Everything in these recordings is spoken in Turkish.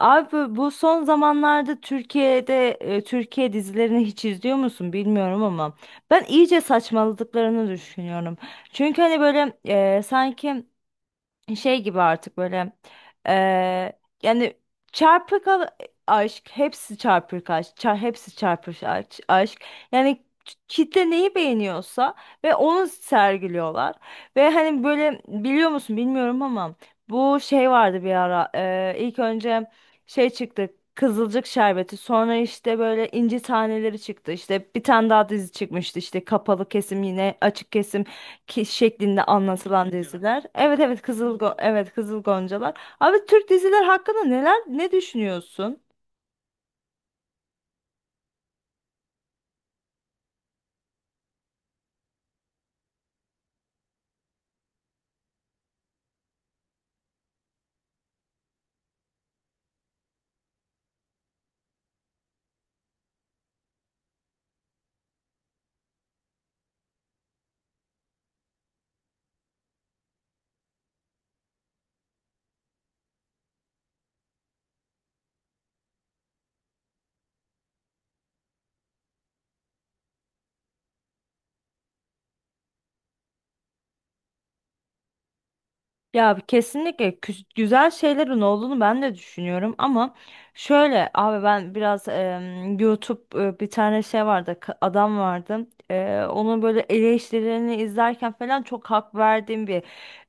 Abi, bu son zamanlarda Türkiye'de Türkiye dizilerini hiç izliyor musun bilmiyorum ama ben iyice saçmaladıklarını düşünüyorum. Çünkü hani böyle sanki şey gibi artık böyle yani çarpık al- aşk, hepsi hepsi çarpık aşk, yani kitle neyi beğeniyorsa ve onu sergiliyorlar. Ve hani böyle, biliyor musun bilmiyorum ama bu şey vardı bir ara, ilk önce şey çıktı: Kızılcık Şerbeti, sonra işte böyle inci taneleri çıktı, işte bir tane daha dizi çıkmıştı, işte kapalı kesim, yine açık kesim ki şeklinde anlatılan diziler. Evet, evet, evet, Kızıl Goncalar. Abi, Türk diziler hakkında neler, ne düşünüyorsun? Ya, kesinlikle güzel şeylerin olduğunu ben de düşünüyorum ama şöyle abi, ben biraz YouTube, bir tane şey vardı, adam vardı, onun böyle eleştirilerini izlerken falan çok hak verdiğim bir,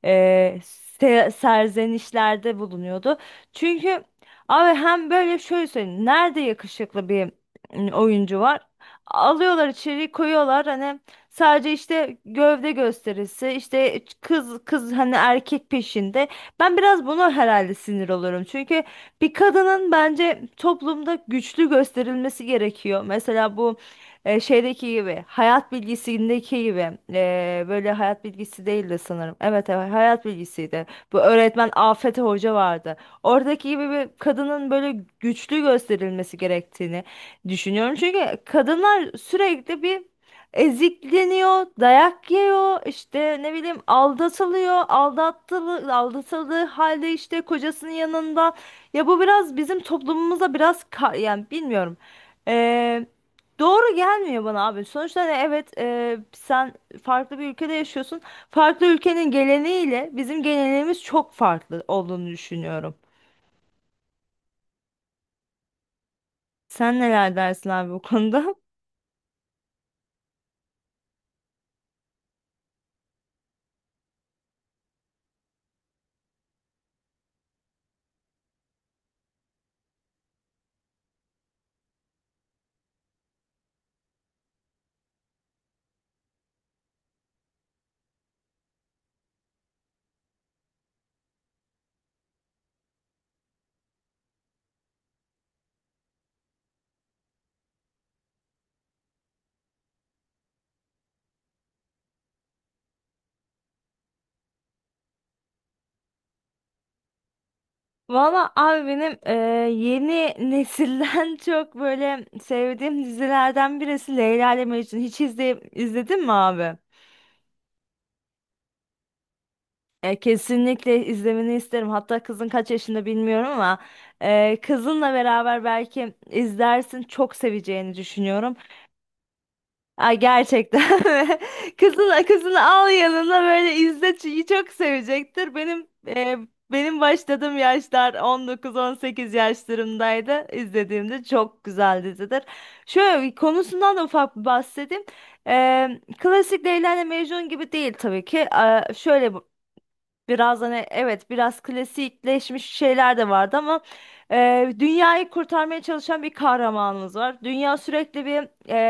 e, serzenişlerde bulunuyordu. Çünkü abi, hem böyle şöyle söyleyeyim, nerede yakışıklı bir oyuncu var, alıyorlar içeri koyuyorlar, hani sadece işte gövde gösterisi, işte kız kız, hani erkek peşinde. Ben biraz buna herhalde sinir olurum. Çünkü bir kadının bence toplumda güçlü gösterilmesi gerekiyor. Mesela bu şeydeki gibi, hayat bilgisindeki gibi. Böyle hayat bilgisi değildi sanırım. Evet, evet, hayat bilgisiydi. Bu öğretmen Afet Hoca vardı. Oradaki gibi bir kadının böyle güçlü gösterilmesi gerektiğini düşünüyorum. Çünkü kadınlar sürekli bir ezikleniyor, dayak yiyor, işte ne bileyim aldatılıyor, aldattılı, aldatıldığı halde işte kocasının yanında. Ya bu biraz bizim toplumumuza biraz yani bilmiyorum. Ee, doğru gelmiyor bana abi. Sonuçta hani, evet, sen farklı bir ülkede yaşıyorsun. Farklı ülkenin geleneğiyle bizim geleneğimiz çok farklı olduğunu düşünüyorum. Sen neler dersin abi bu konuda? Valla abi, benim yeni nesilden çok böyle sevdiğim dizilerden birisi Leyla ile Mecnun. Hiç izleyip izledin mi abi? Kesinlikle izlemeni isterim. Hatta kızın kaç yaşında bilmiyorum ama kızınla beraber belki izlersin. Çok seveceğini düşünüyorum. Ay, gerçekten. Kızını al yanına, böyle izle çünkü çok sevecektir. Benim başladığım yaşlar 19-18 yaşlarımdaydı. İzlediğimde çok güzel dizidir. Şöyle bir konusundan da ufak bir bahsedeyim. E, Klasik Leyla ile Mecnun gibi değil tabii ki. Şöyle, biraz hani evet biraz klasikleşmiş şeyler de vardı ama dünyayı kurtarmaya çalışan bir kahramanımız var. Dünya sürekli bir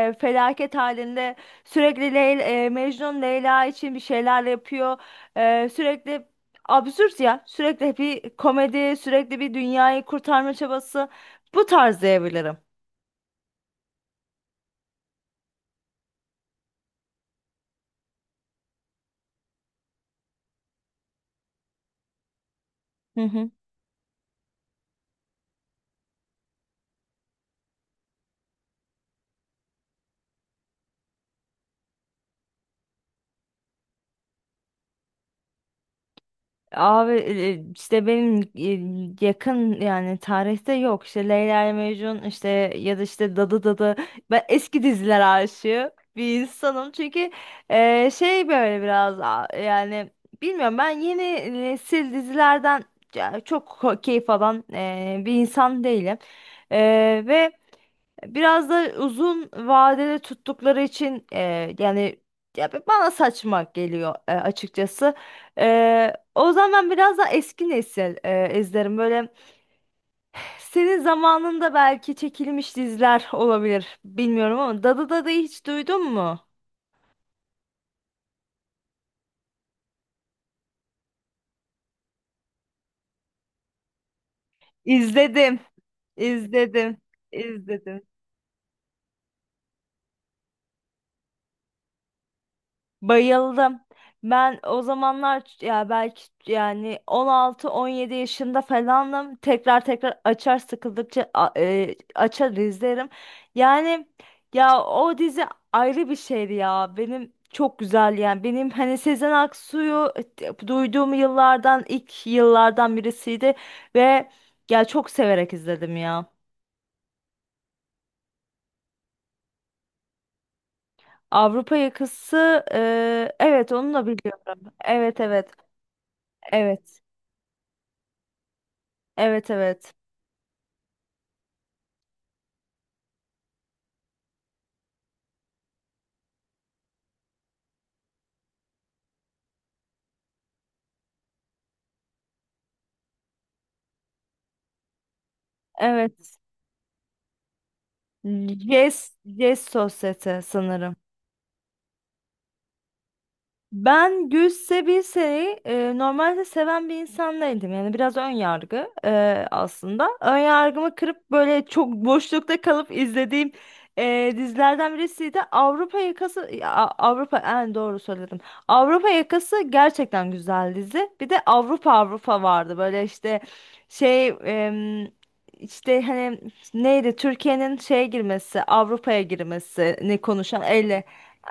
felaket halinde, sürekli Mecnun Leyla için bir şeyler yapıyor. Sürekli absürt, ya, sürekli bir komedi, sürekli bir dünyayı kurtarma çabası, bu tarz diyebilirim. Hı hı. Abi, işte benim yakın yani tarihte yok, işte Leyla ile Mecnun işte, ya da işte Dadı. Ben eski diziler aşığı bir insanım çünkü şey, böyle biraz yani bilmiyorum, ben yeni nesil dizilerden ya çok keyif alan bir insan değilim. E, Ve biraz da uzun vadede tuttukları için yani, ya bana saçma geliyor açıkçası. O zaman ben biraz da eski nesil izlerim. Böyle senin zamanında belki çekilmiş diziler olabilir. Bilmiyorum, ama Dadı'yı hiç duydun mu? İzledim. İzledim. İzledim. Bayıldım. Ben o zamanlar ya belki yani 16-17 yaşında falanım. Tekrar tekrar açar, sıkıldıkça açar izlerim. Yani ya, o dizi ayrı bir şeydi ya. Benim çok güzel, yani. Benim hani Sezen Aksu'yu duyduğum yıllardan, ilk yıllardan birisiydi ve ya, çok severek izledim ya. Avrupa Yakası, evet onu da biliyorum. Evet, evet, evet, evet, evet. Evet. Yes, yes, sosyete sanırım. Ben Gül Sebise'yi normalde seven bir insan değildim. Yani biraz ön yargı aslında. Ön yargımı kırıp böyle çok boşlukta kalıp izlediğim dizilerden birisiydi. Avrupa Yakası, Avrupa en doğru söyledim. Avrupa Yakası gerçekten güzel dizi. Bir de Avrupa Avrupa vardı. Böyle işte şey, işte hani, neydi, Türkiye'nin şeye girmesi, Avrupa'ya girmesini konuşan elle.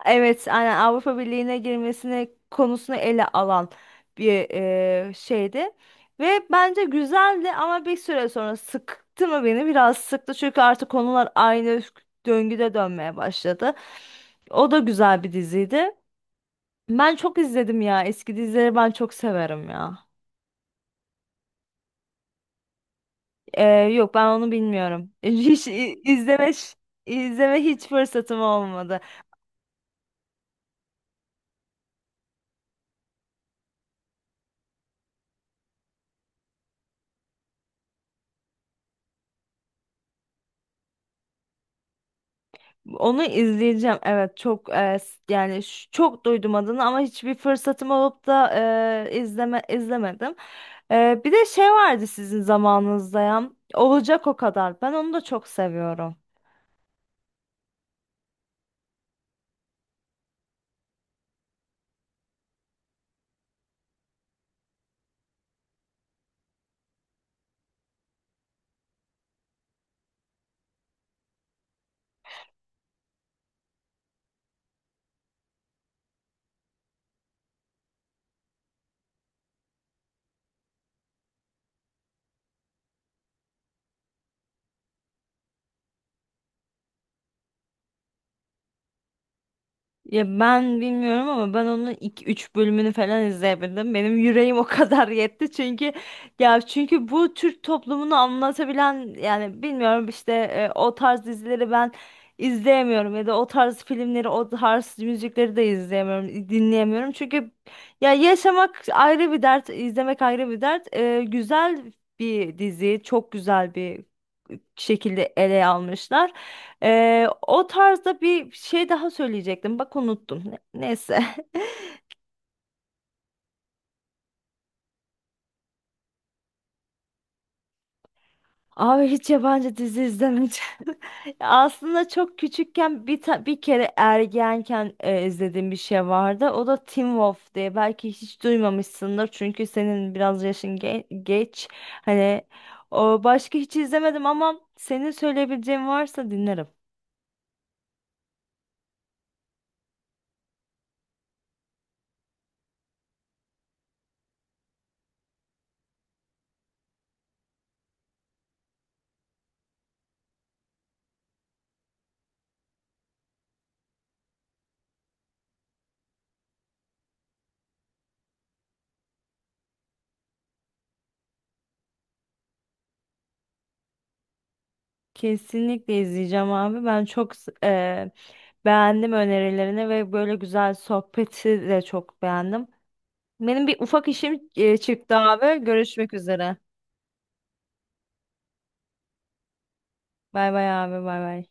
Evet, aynen, Avrupa Birliği'ne girmesine konusunu ele alan bir şeydi. Ve bence güzeldi ama bir süre sonra sıktı mı beni? Biraz sıktı, çünkü artık konular aynı döngüde dönmeye başladı. O da güzel bir diziydi. Ben çok izledim ya. Eski dizileri ben çok severim ya. Eee, Yok, ben onu bilmiyorum. Hiç izleme hiç fırsatım olmadı. Onu izleyeceğim. Evet, çok yani çok duydum adını ama hiçbir fırsatım olup da izlemedim. Bir de şey vardı sizin zamanınızda ya, Olacak O Kadar. Ben onu da çok seviyorum. Ya ben bilmiyorum ama ben onun iki üç bölümünü falan izleyebildim. Benim yüreğim o kadar yetti, çünkü ya, çünkü bu Türk toplumunu anlatabilen, yani bilmiyorum işte, o tarz dizileri ben izleyemiyorum, ya da o tarz filmleri, o tarz müzikleri de izleyemiyorum, dinleyemiyorum. Çünkü ya, yaşamak ayrı bir dert, izlemek ayrı bir dert. Güzel bir dizi, çok güzel bir şekilde ele almışlar. O tarzda bir şey daha söyleyecektim. Bak, unuttum. Neyse. Abi, hiç yabancı dizi izlemedim. Aslında çok küçükken, bir kere ergenken izlediğim bir şey vardı. O da Teen Wolf diye. Belki hiç duymamışsındır çünkü senin biraz yaşın geç. Hani o, başka hiç izlemedim, ama senin söyleyebileceğin varsa dinlerim. Kesinlikle izleyeceğim abi. Ben çok beğendim önerilerini ve böyle güzel sohbeti de çok beğendim. Benim bir ufak işim çıktı abi. Görüşmek üzere. Bay bay abi, bay bay.